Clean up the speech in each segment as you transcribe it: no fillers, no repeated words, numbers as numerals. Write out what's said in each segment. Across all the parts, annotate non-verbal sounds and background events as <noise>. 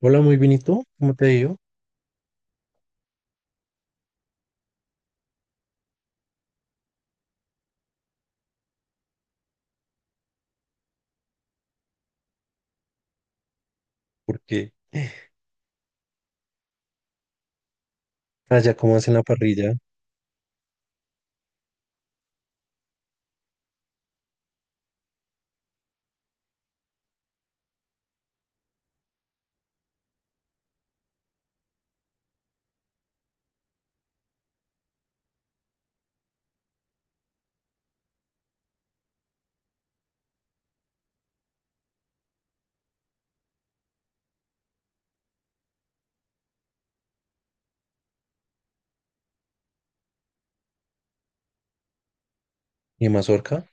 Hola, muy bien, ¿y tú? ¿Cómo te ha ido? Porque allá como hacen la parrilla y mazorca,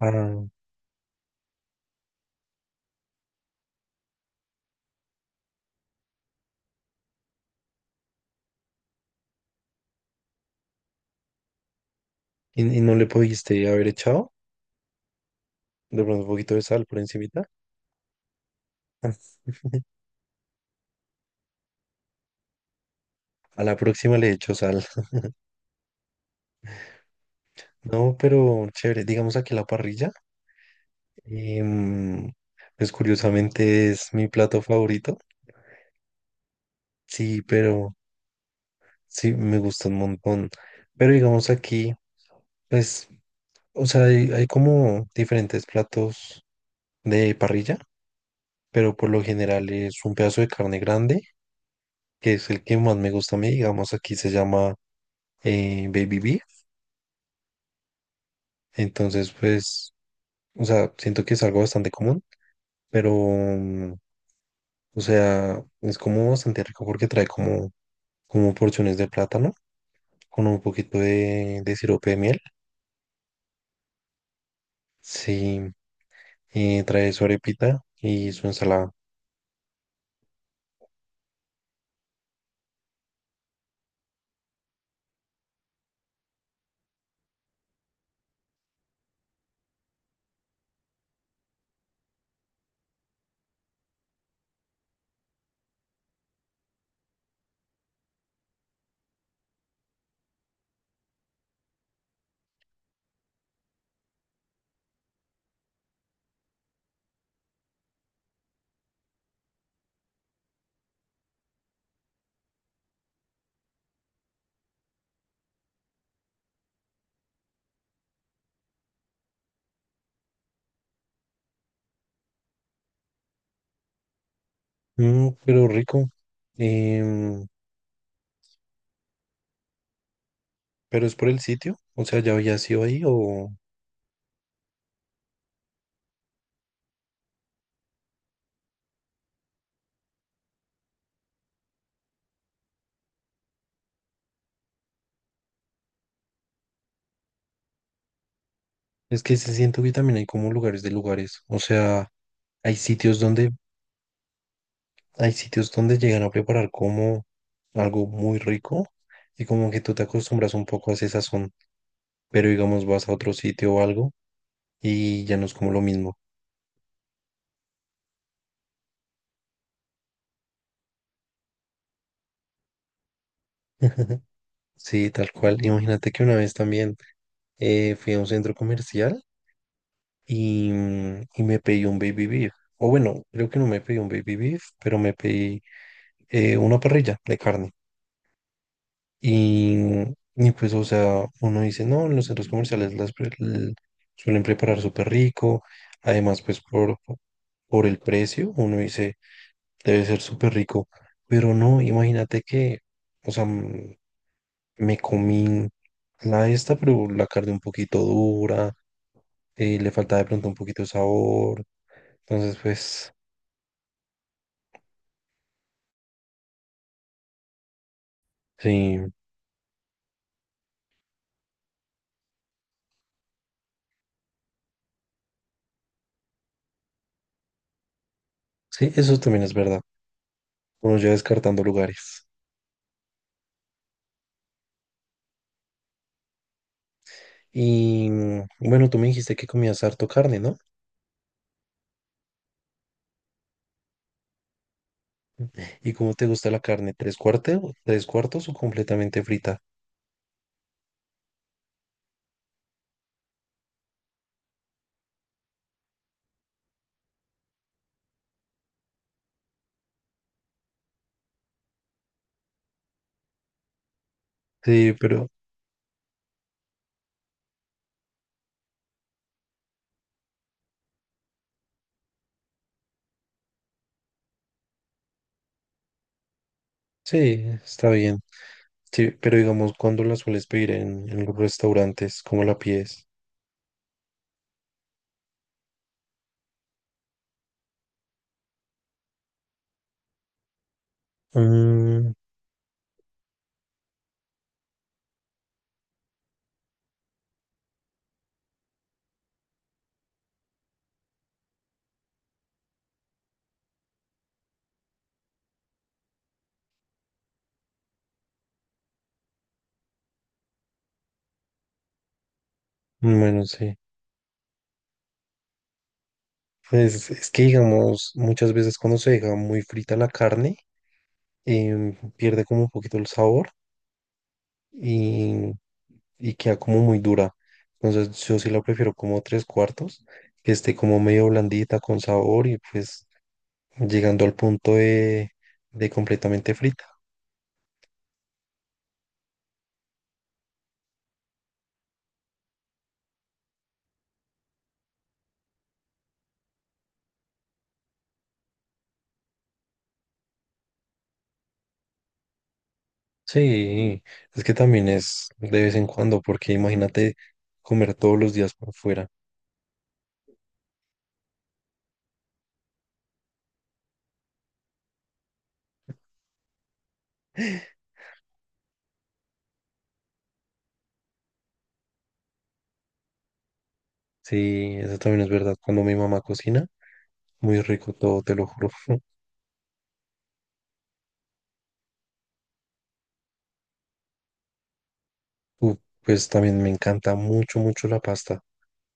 ah, y, no le pudiste haber echado de pronto un poquito de sal por encimita. <laughs> A la próxima le echo sal. No, pero chévere, digamos aquí la parrilla, em, pues curiosamente es mi plato favorito. Sí, pero sí, me gusta un montón. Pero digamos aquí, pues, o sea, hay como diferentes platos de parrilla. Pero por lo general es un pedazo de carne grande, que es el que más me gusta a mí, digamos, aquí se llama baby beef. Entonces pues, o sea, siento que es algo bastante común, pero, o sea, es como bastante rico porque trae como, como porciones de plátano con un poquito de sirope de miel, sí, trae su arepita y su ensalada. Mm, pero rico. Em, pero es por el sitio, o sea, ¿ya había sido ahí o...? Es que se siento que también hay como lugares de lugares, o sea, hay sitios donde, hay sitios donde llegan a preparar como algo muy rico y como que tú te acostumbras un poco a ese sazón, pero digamos vas a otro sitio o algo y ya no es como lo mismo. <laughs> Sí, tal cual. Imagínate que una vez también fui a un centro comercial y, y me pedí un baby beef, o bueno, creo que no me pedí un baby beef, pero me pedí una parrilla de carne. Y, y pues, o sea, uno dice, no, en los centros comerciales suelen preparar súper rico. Además, pues por el precio, uno dice, debe ser súper rico. Pero no, imagínate que, o sea, me comí la esta, pero la carne un poquito dura, le faltaba de pronto un poquito de sabor. Entonces, pues, sí, sí, eso también es verdad. Uno ya descartando lugares. Y bueno, tú me dijiste que comías harto carne, ¿no? ¿Y cómo te gusta la carne? Tres cuartos o completamente frita? Sí, pero sí, está bien. Sí, pero digamos, ¿cuándo la sueles pedir en los restaurantes? ¿Cómo la pides? Mm, bueno, sí. Pues es que digamos, muchas veces cuando se deja muy frita la carne, pierde como un poquito el sabor. Y queda como muy dura. Entonces yo sí la prefiero como tres cuartos, que esté como medio blandita con sabor y pues llegando al punto de completamente frita. Sí, es que también es de vez en cuando, porque imagínate comer todos los días por fuera. Sí, eso también es verdad. Cuando mi mamá cocina, muy rico todo, te lo juro. <laughs> Uh, pues también me encanta mucho, mucho la pasta,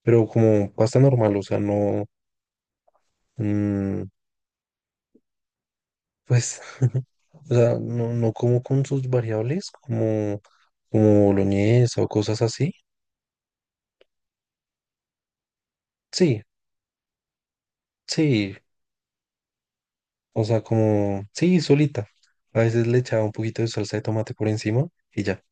pero como pasta normal, o sea, no, mm. Pues, <laughs> o sea, no, no como con sus variables, como, como boloñesa o cosas así. Sí, sí, o sea, como, sí, solita. A veces le echaba un poquito de salsa de tomate por encima y ya.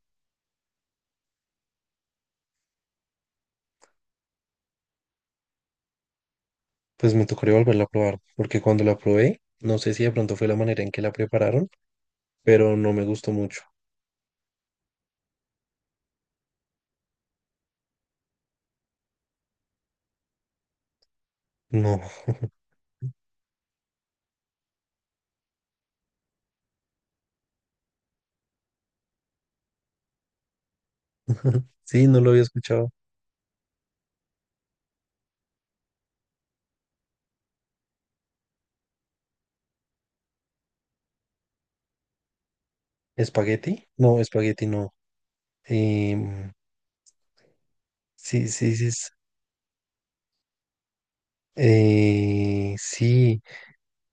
Pues me tocaría volverla a probar, porque cuando la probé, no sé si de pronto fue la manera en que la prepararon, pero no me gustó mucho. No, <laughs> sí, no lo había escuchado. ¿Espagueti? No, espagueti no. Em, sí, sí, sí. Sí.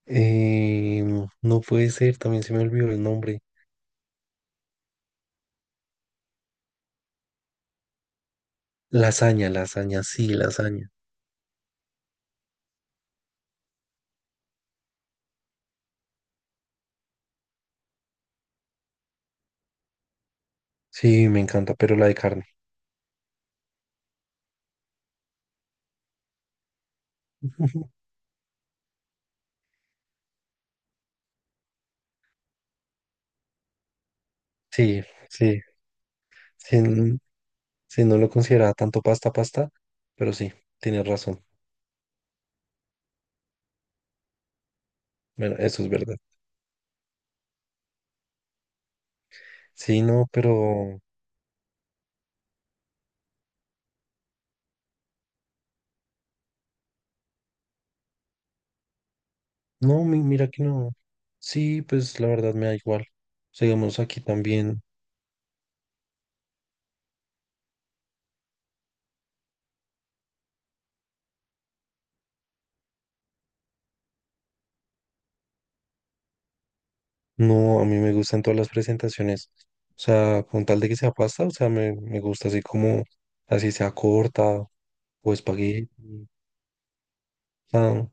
Eh, no puede ser, también se me olvidó el nombre. Lasaña, lasaña. Sí, me encanta, pero la de carne. <laughs> Sí, sí, sí, sí, no lo consideraba tanto pasta, pasta, pero sí, tienes razón. Bueno, eso es verdad. Sí, no, pero no, mira que no. Sí, pues la verdad me da igual. Seguimos aquí también. No, a mí me gustan todas las presentaciones. O sea, con tal de que sea pasta, o sea, me gusta así como, así sea corta o espagueti. O sea,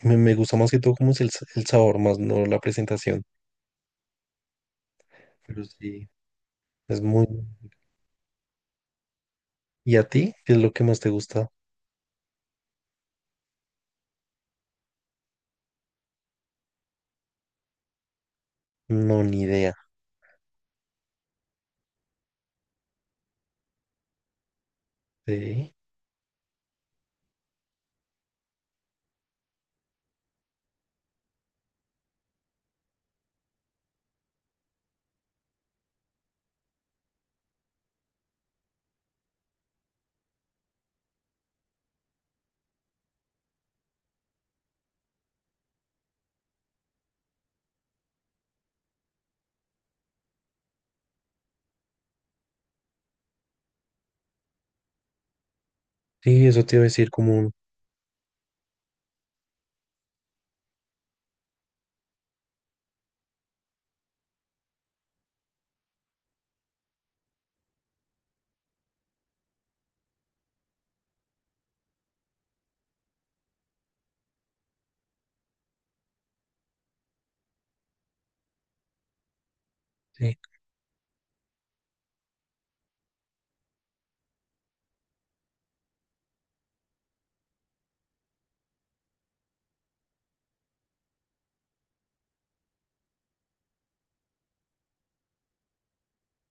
me gusta más que todo como es el, el sabor, más no la presentación. Pero sí, es muy... ¿Y a ti? ¿Qué es lo que más te gusta? No, ni idea. Sí, sí, eso te iba a decir como... un- Sí.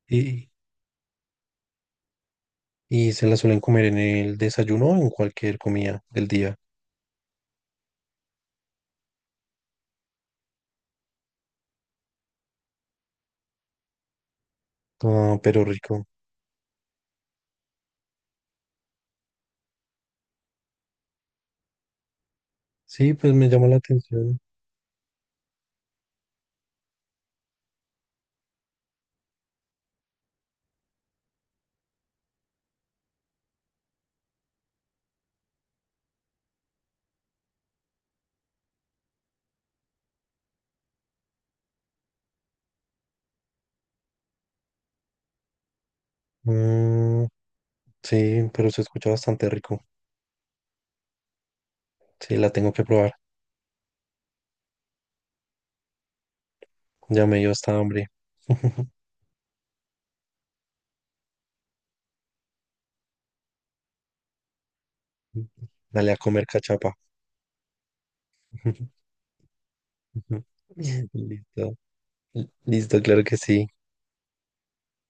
Y, y se la suelen comer en el desayuno o en cualquier comida del día. Ah, pero rico. Sí, pues me llama la atención. Mm, sí, pero se escucha bastante rico. Sí, la tengo que probar. Ya me dio esta hambre. <laughs> Dale a comer cachapa. <laughs> Listo. Listo, claro que sí.